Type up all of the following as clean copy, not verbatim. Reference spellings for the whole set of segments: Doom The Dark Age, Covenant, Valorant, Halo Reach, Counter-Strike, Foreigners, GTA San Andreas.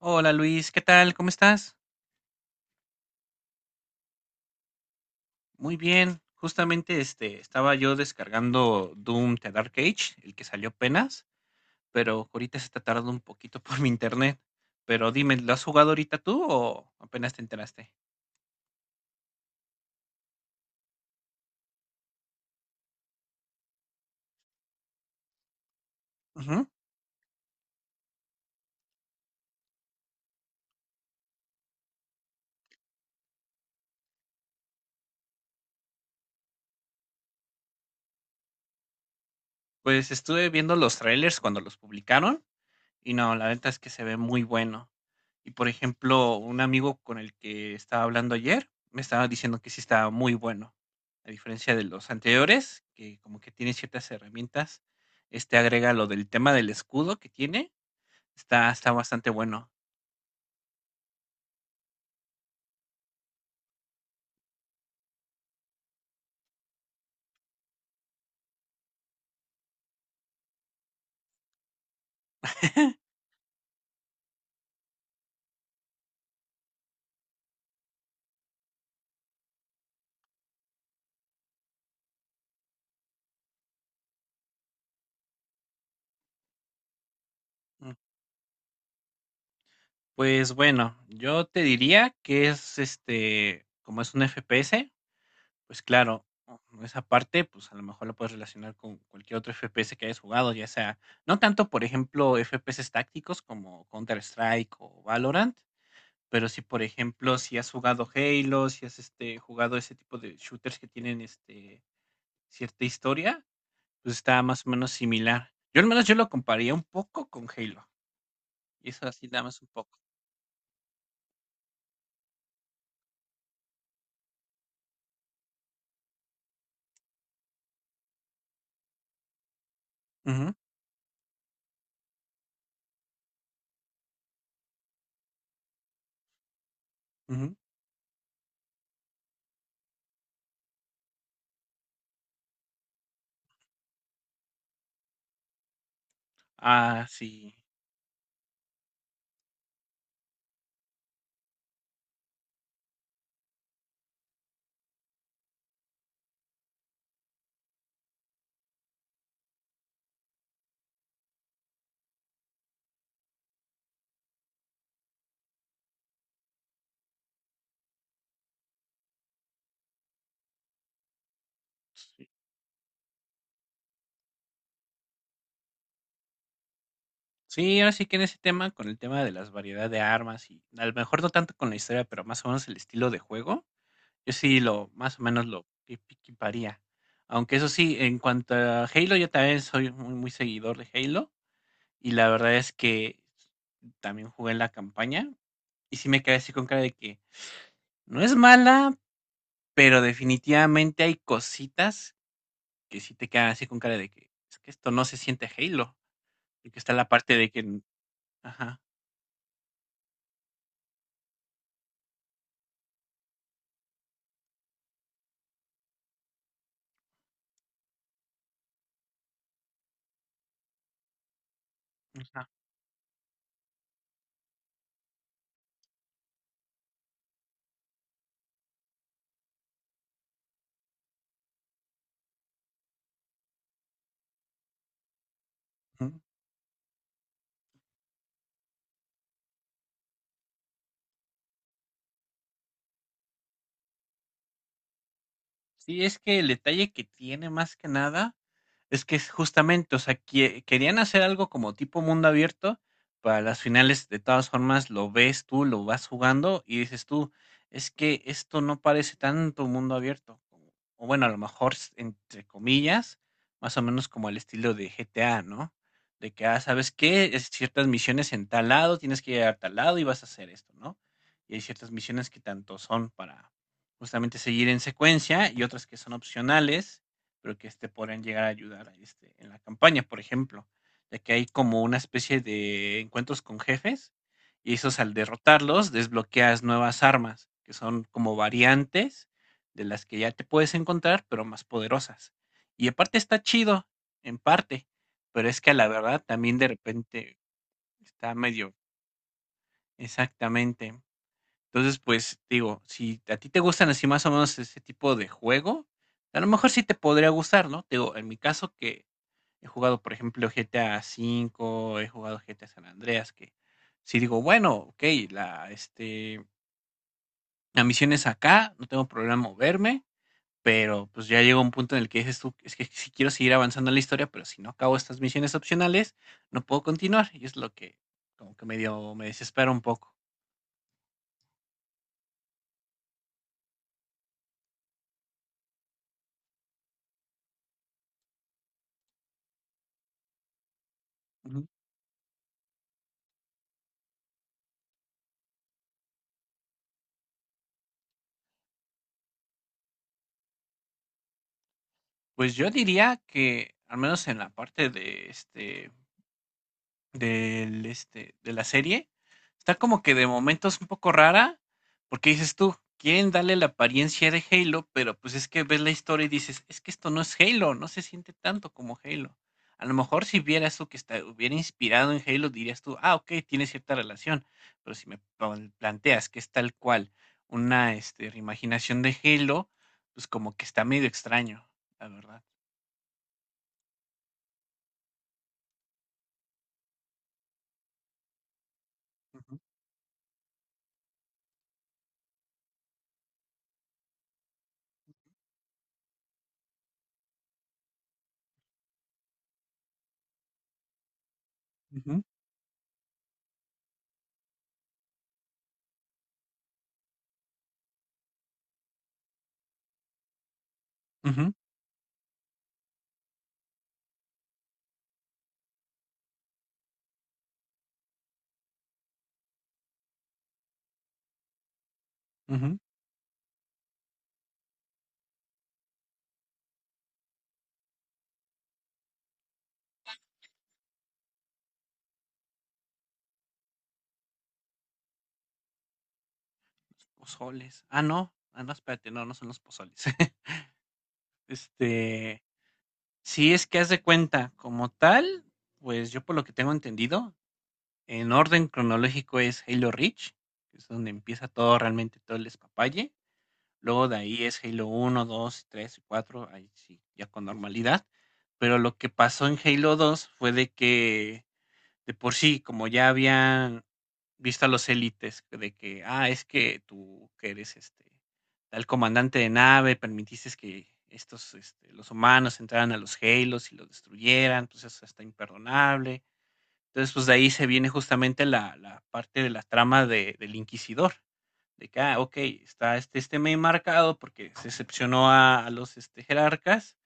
Hola Luis, ¿qué tal? ¿Cómo estás? Muy bien. Justamente estaba yo descargando Doom The Dark Age, el que salió apenas, pero ahorita se está tardando un poquito por mi internet. Pero dime, ¿lo has jugado ahorita tú o apenas te enteraste? Ujú. Pues estuve viendo los trailers cuando los publicaron. Y no, la neta es que se ve muy bueno. Y por ejemplo, un amigo con el que estaba hablando ayer me estaba diciendo que sí estaba muy bueno. A diferencia de los anteriores, que como que tiene ciertas herramientas, este agrega lo del tema del escudo que tiene, está bastante bueno. Mm, pues bueno, yo te diría que es como es un FPS. Pues claro, esa parte, pues, a lo mejor lo puedes relacionar con cualquier otro FPS que hayas jugado, ya sea, no tanto, por ejemplo, FPS tácticos como Counter-Strike o Valorant, pero sí, por ejemplo, si has jugado Halo, si has, jugado ese tipo de shooters que tienen, cierta historia, pues, está más o menos similar. Yo al menos yo lo compararía un poco con Halo, y eso así nada más un poco. Ujú, ujú. Ah, sí. Sí. Sí, ahora sí que en ese tema, con el tema de las variedad de armas y a lo mejor no tanto con la historia, pero más o menos el estilo de juego, yo sí lo más o menos lo equiparía. Aunque eso sí, en cuanto a Halo, yo también soy muy, muy seguidor de Halo y la verdad es que también jugué en la campaña y sí me quedé así con cara de que no es mala, pero definitivamente hay cositas que sí te quedan así con cara de que es que esto no se siente Halo, y que está la parte de que, ajá, ajá. Sí, es que el detalle que tiene más que nada, es que es justamente, o sea, que querían hacer algo como tipo mundo abierto, para las finales de todas formas lo ves tú, lo vas jugando y dices tú, es que esto no parece tanto mundo abierto, o bueno, a lo mejor entre comillas, más o menos como el estilo de GTA, ¿no? De que, ah, ¿sabes qué? Es ciertas misiones en tal lado, tienes que llegar a tal lado y vas a hacer esto, ¿no? Y hay ciertas misiones que tanto son para justamente seguir en secuencia y otras que son opcionales, pero que podrían llegar a ayudar en la campaña, por ejemplo, ya que hay como una especie de encuentros con jefes y esos al derrotarlos desbloqueas nuevas armas, que son como variantes de las que ya te puedes encontrar, pero más poderosas. Y aparte está chido, en parte, pero es que a la verdad también de repente está medio exactamente. Entonces, pues digo, si a ti te gustan así más o menos ese tipo de juego, a lo mejor sí te podría gustar, ¿no? Te digo, en mi caso que he jugado, por ejemplo, GTA V, he jugado GTA San Andreas, que si digo, bueno, ok, la, este, la misión es acá, no tengo problema en moverme, pero pues ya llega un punto en el que dices tú, es que si quiero seguir avanzando en la historia, pero si no acabo estas misiones opcionales, no puedo continuar. Y es lo que como que medio me desespera un poco. Ujú. Pues yo diría que, al menos en la parte de de la serie, está como que de momentos un poco rara, porque dices tú, quieren darle la apariencia de Halo, pero pues es que ves la historia y dices, es que esto no es Halo, no se siente tanto como Halo. A lo mejor si vieras tú que está, hubiera inspirado en Halo, dirías tú, ah, ok, tiene cierta relación, pero si me planteas que es tal cual una reimaginación de Halo, pues como que está medio extraño, la verdad. Ujú, ujú, ujú, ujú. Los Pozoles. Ah, no. Ah, no, espérate, no, no son los pozoles. Este, si es que haz de cuenta, como tal, pues yo por lo que tengo entendido, en orden cronológico es Halo Reach, que es donde empieza todo realmente todo el espapalle. Luego de ahí es Halo uno 2 3 y 4 ahí sí, ya con normalidad. Pero lo que pasó en Halo 2 fue de que de por sí, como ya habían visto a los élites de que, ah, es que tú que eres tal comandante de nave, permitiste que los humanos entraran a los Halos y los destruyeran, pues eso está imperdonable. Entonces, pues de ahí se viene justamente la parte de la trama del Inquisidor, de que, ah, ok, está este meme marcado porque se excepcionó a los jerarcas,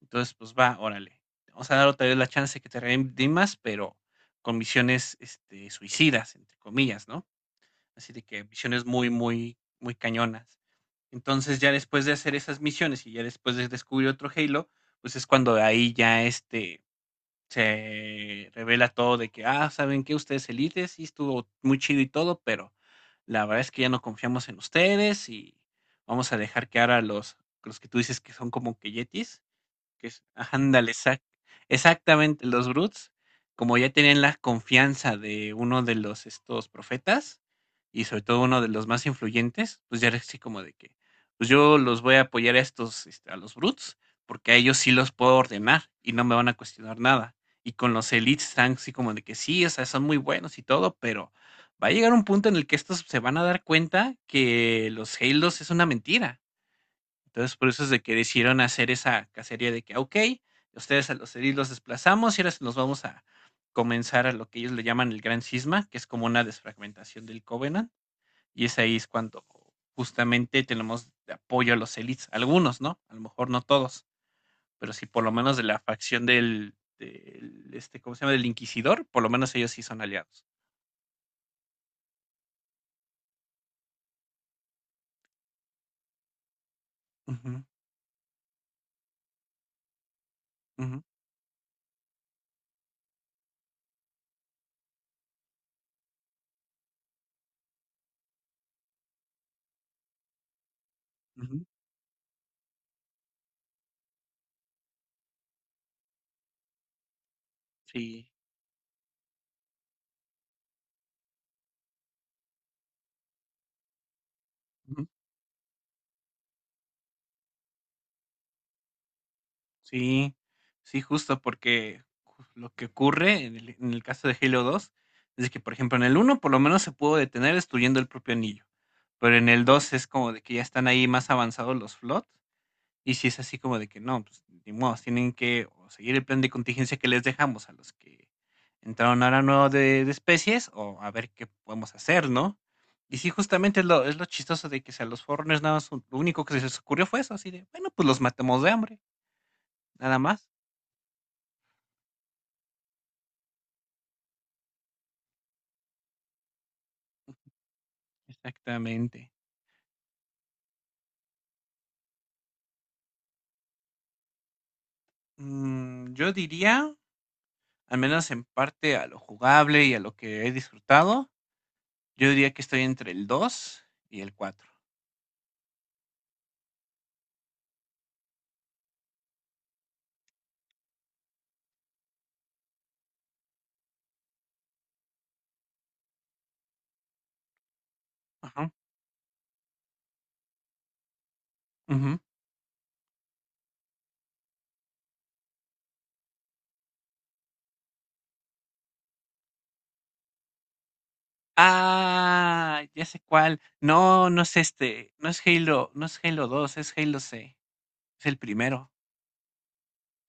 entonces, pues va, órale. Te vamos a dar otra vez la chance de que te redimas, pero con misiones suicidas, entre comillas, ¿no? Así de que misiones muy, muy, muy cañonas. Entonces, ya después de hacer esas misiones y ya después de descubrir otro Halo, pues es cuando ahí ya se revela todo de que, ah, ¿saben qué? Ustedes elites, sí estuvo muy chido y todo, pero la verdad es que ya no confiamos en ustedes y vamos a dejar que ahora los que tú dices que son como que yetis, que es, ándale, exactamente, los Bruts, como ya tenían la confianza de uno de los estos profetas y sobre todo uno de los más influyentes, pues ya era así como de que, pues yo los voy a apoyar a estos, a los Bruts, porque a ellos sí los puedo ordenar y no me van a cuestionar nada. Y con los Elites están así como de que sí, o sea, son muy buenos y todo, pero va a llegar un punto en el que estos se van a dar cuenta que los Halos es una mentira, entonces, por eso es de que decidieron hacer esa cacería de que, ok, ustedes a los edil los desplazamos y ahora se nos vamos a comenzar a lo que ellos le llaman el gran cisma, que es como una desfragmentación del Covenant. Y es ahí es cuando justamente tenemos de apoyo a los elites, algunos, ¿no? A lo mejor no todos, pero sí por lo menos de la facción del ¿cómo se llama? Del Inquisidor, por lo menos ellos sí son aliados. Ujú, ujú, ujú, sí. Sí, sí, justo porque lo que ocurre en en el caso de Halo 2 es que, por ejemplo, en el uno por lo menos se pudo detener destruyendo el propio anillo, pero en el dos es como de que ya están ahí más avanzados los flot y si es así como de que no, pues ni modo, tienen que o seguir el plan de contingencia que les dejamos a los que entraron ahora nuevo de especies o a ver qué podemos hacer, ¿no? Y sí, justamente es es lo chistoso de que si a los Foreigners nada más lo único que se les ocurrió fue eso, así de, bueno, pues los matamos de hambre, nada más. Exactamente. Yo diría, al menos en parte a lo jugable y a lo que he disfrutado, yo diría que estoy entre el 2 y el 4. Ajá. Ujú. Ah, ya sé cuál. No es este. No es Halo, no es Halo 2, es Halo C. Es el primero.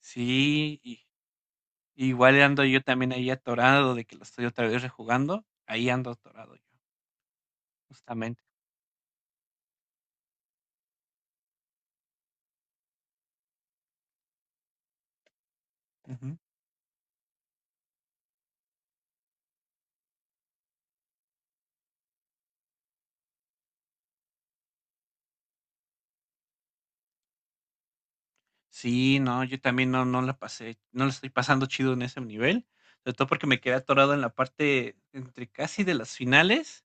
Sí, y, igual ando yo también ahí atorado de que lo estoy otra vez rejugando. Ahí ando atorado yo, justamente. Sí, no, yo también no la pasé, no la estoy pasando chido en ese nivel, sobre todo porque me quedé atorado en la parte entre casi de las finales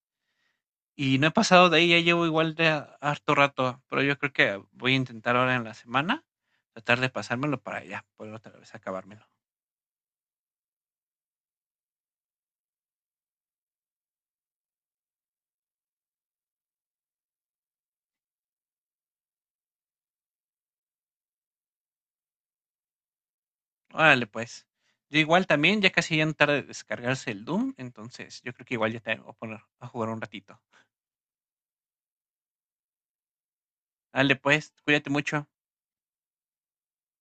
y no he pasado de ahí, ya llevo igual de harto rato, pero yo creo que voy a intentar ahora en la semana tratar de pasármelo para allá, poder otra vez acabármelo. Órale, pues. Yo igual también, ya casi ya no tarda de descargarse el Doom, entonces yo creo que igual ya te voy a poner a jugar un ratito. Dale, pues, cuídate mucho.